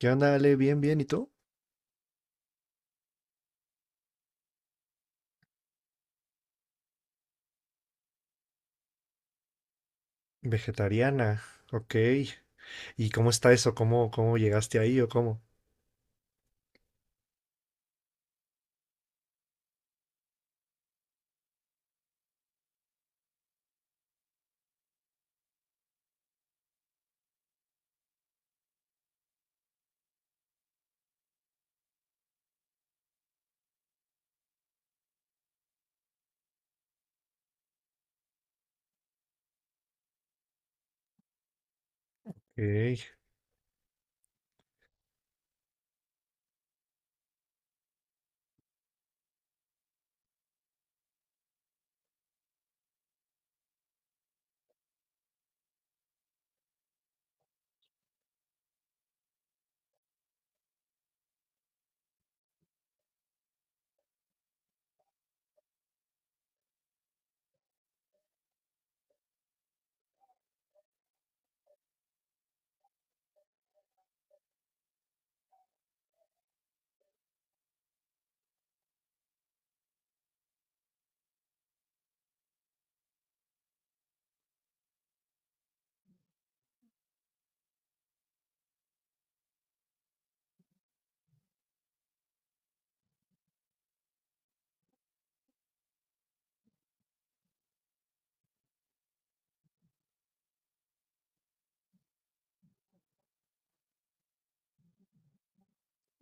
¿Qué onda, Ale? Bien, bien, ¿y tú? Vegetariana, ok. ¿Y cómo está eso? ¿¿Cómo llegaste ahí o cómo? Ok,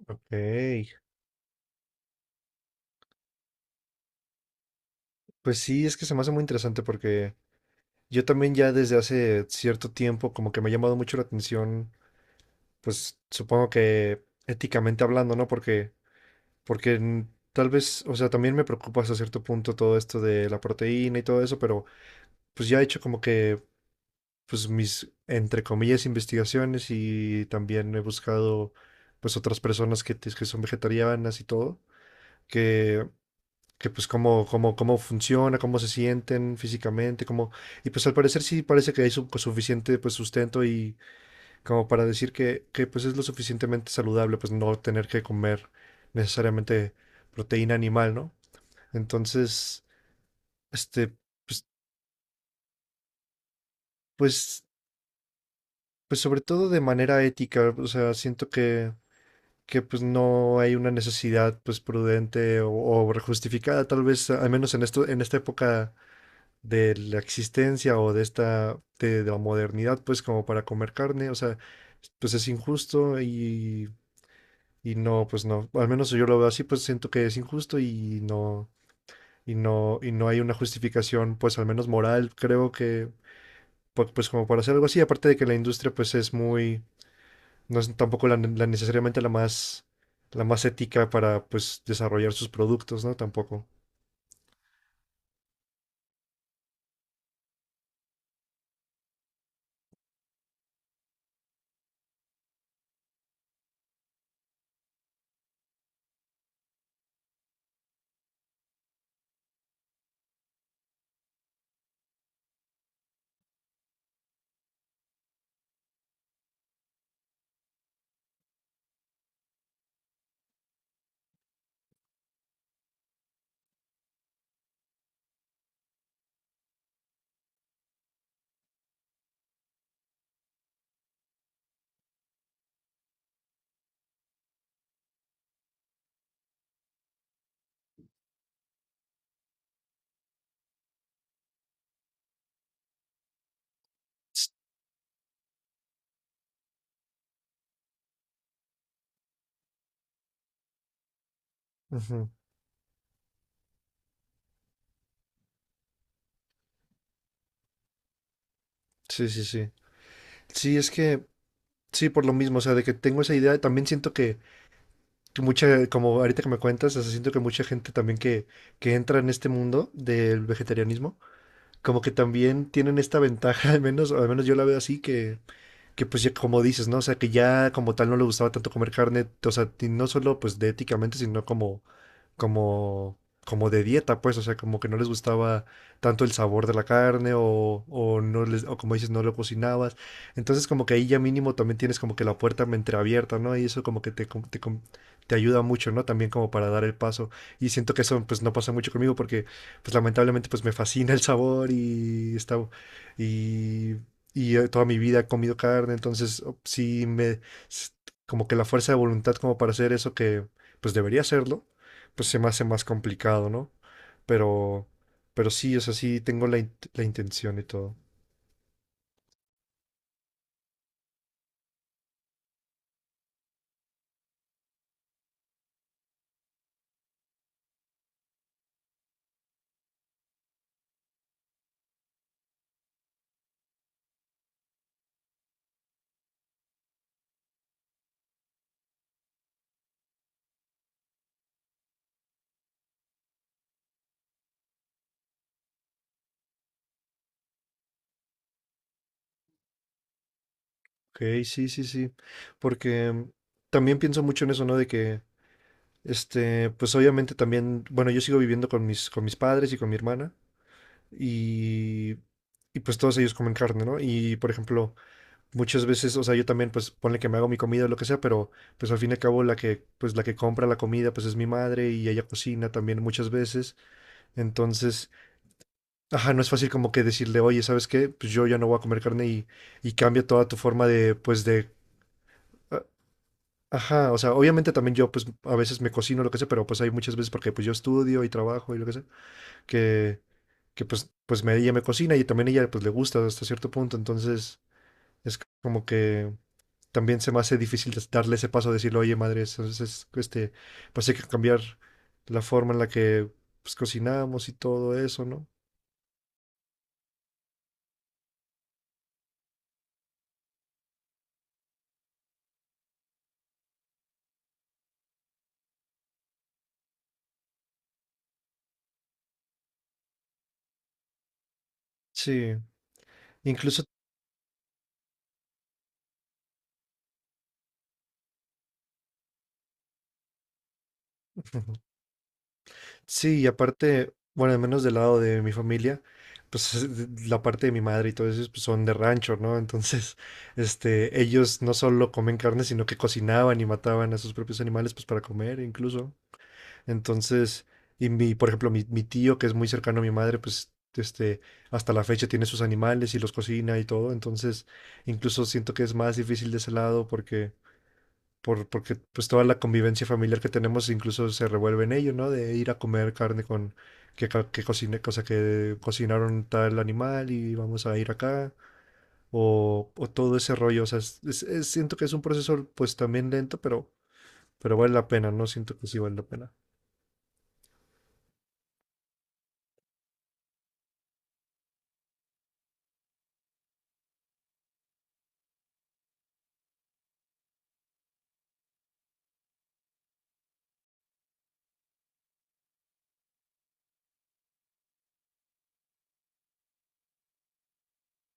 ok. Pues sí, es que se me hace muy interesante porque yo también ya desde hace cierto tiempo como que me ha llamado mucho la atención, pues supongo que éticamente hablando, ¿no? Porque tal vez, o sea, también me preocupa hasta cierto punto todo esto de la proteína y todo eso, pero pues ya he hecho como que pues mis, entre comillas, investigaciones y también he buscado pues otras personas que son vegetarianas y todo, que, que pues cómo funciona, cómo se sienten físicamente, cómo, y pues al parecer sí parece que hay suficiente pues sustento y como para decir que pues es lo suficientemente saludable pues no tener que comer necesariamente proteína animal, ¿no? Entonces, este, pues, pues, pues sobre todo de manera ética, o sea, siento que pues no hay una necesidad pues prudente o justificada, tal vez, al menos en esto, en esta época de la existencia o de esta, de la modernidad, pues como para comer carne, o sea, pues es injusto y no, pues no, al menos yo lo veo así, pues siento que es injusto y no, y no hay una justificación, pues al menos moral, creo que, pues como para hacer algo así, aparte de que la industria pues es muy no es tampoco la necesariamente la más ética para pues desarrollar sus productos, ¿no? Tampoco. Ujú. Sí, sí, sí. Sí, es que, sí, por lo mismo, o sea, de que tengo esa idea, también siento que mucha, como ahorita que me cuentas, o sea, siento que mucha gente también que entra en este mundo del vegetarianismo, como que también tienen esta ventaja, al menos, o al menos yo la veo así, que pues ya como dices, ¿no? O sea, que ya como tal no le gustaba tanto comer carne, o sea, y no solo pues de éticamente, sino como como, como de dieta, pues, o sea, como que no les gustaba tanto el sabor de la carne o no les, o como dices, no lo cocinabas. Entonces, como que ahí ya mínimo también tienes como que la puerta entreabierta, ¿no? Y eso como que te ayuda mucho, ¿no? También como para dar el paso. Y siento que eso pues no pasa mucho conmigo porque pues lamentablemente pues me fascina el sabor y está y y toda mi vida he comido carne, entonces sí me s- como que la fuerza de voluntad como para hacer eso que pues debería hacerlo, pues se me hace más complicado, ¿no? Pero, pero sí, o sea, sí tengo la intención y todo. Ok, sí, sí, sí. Porque también pienso mucho en eso, ¿no? De que, este, pues obviamente también, bueno, yo sigo viviendo con mis padres y con mi hermana y, y pues todos ellos comen carne, ¿no? Y, por ejemplo, muchas veces, o sea, yo también, pues ponle que me hago mi comida o lo que sea, pero pues al fin y al cabo la que, pues la que compra la comida, pues es mi madre y ella cocina también muchas veces. Entonces, ajá, no es fácil como que decirle, oye, ¿sabes qué? Pues yo ya no voy a comer carne y cambia toda tu forma de, pues de... a- ajá, o sea, obviamente también yo pues a veces me cocino lo que sea, pero pues hay muchas veces porque pues yo estudio y trabajo y lo que sea, que, que pues, pues me, ella me cocina y también ella pues le gusta hasta cierto punto, entonces es como que también se me hace difícil darle ese paso de decirle, oye, madre, entonces este, pues hay que cambiar la forma en la que pues cocinamos y todo eso, ¿no? Sí, incluso... Sí, y aparte, bueno, al menos del lado de mi familia, pues la parte de mi madre y todo eso pues, son de rancho, ¿no? Entonces, este, ellos no solo comen carne, sino que cocinaban y mataban a sus propios animales, pues para comer incluso. Entonces, y mi, por ejemplo, mi tío, que es muy cercano a mi madre, pues, este, hasta la fecha tiene sus animales y los cocina y todo. Entonces, incluso siento que es más difícil de ese lado porque porque pues toda la convivencia familiar que tenemos incluso se revuelve en ello, ¿no? De ir a comer carne con que, que cocine, cosa que cocinaron tal animal y vamos a ir acá, o todo ese rollo, o sea, siento que es un proceso pues también lento, pero vale la pena, ¿no? Siento que sí vale la pena.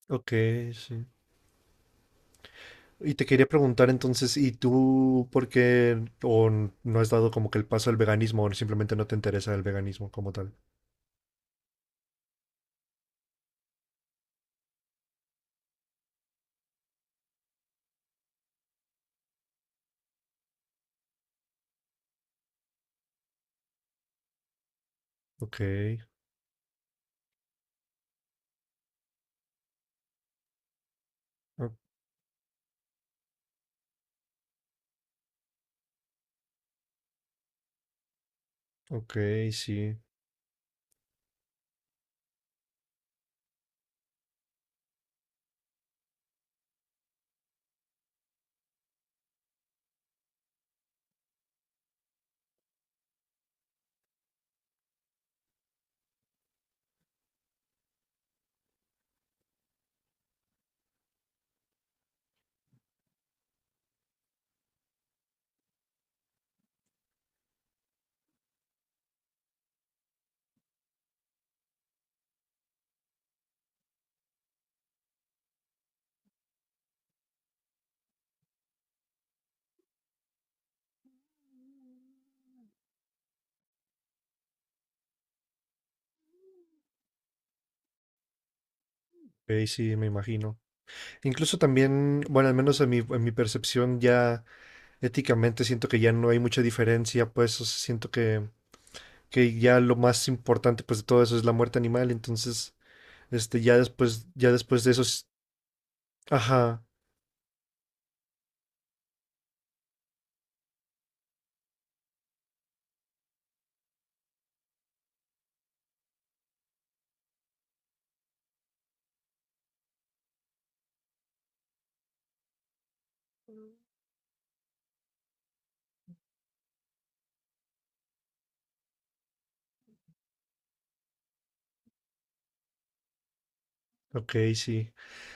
Ok, sí. Y te quería preguntar entonces, ¿y tú por qué o no has dado como que el paso al veganismo o simplemente no te interesa el veganismo como tal? Ok, o- ok, sí. Ok, sí, me imagino. Incluso también, bueno, al menos en mi percepción ya éticamente siento que ya no hay mucha diferencia, pues o sea, siento que ya lo más importante pues de todo eso es la muerte animal, entonces, este, ya después de eso, ajá, ok, sí.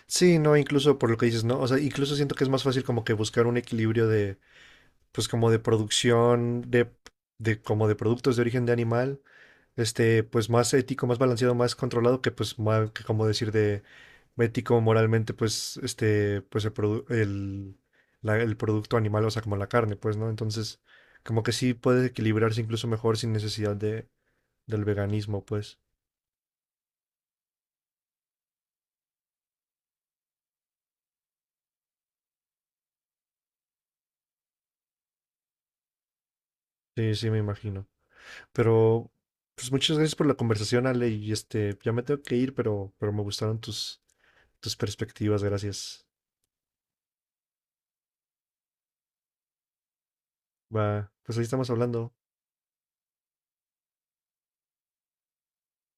Sí, no, incluso por lo que dices, ¿no? O sea, incluso siento que es más fácil como que buscar un equilibrio de, pues como de producción, de como de productos de origen de animal, este, pues más ético, más balanceado, más controlado que pues, que como decir de ético, moralmente, pues, este, pues el, el, el producto animal, o sea, como la carne, pues, ¿no? Entonces, como que sí puede equilibrarse incluso mejor sin necesidad de, del veganismo, pues. Sí, sí, me imagino. Pero, pues muchas gracias por la conversación, Ale, y este, ya me tengo que ir, pero me gustaron tus, tus perspectivas, gracias. Va, pues ahí estamos hablando.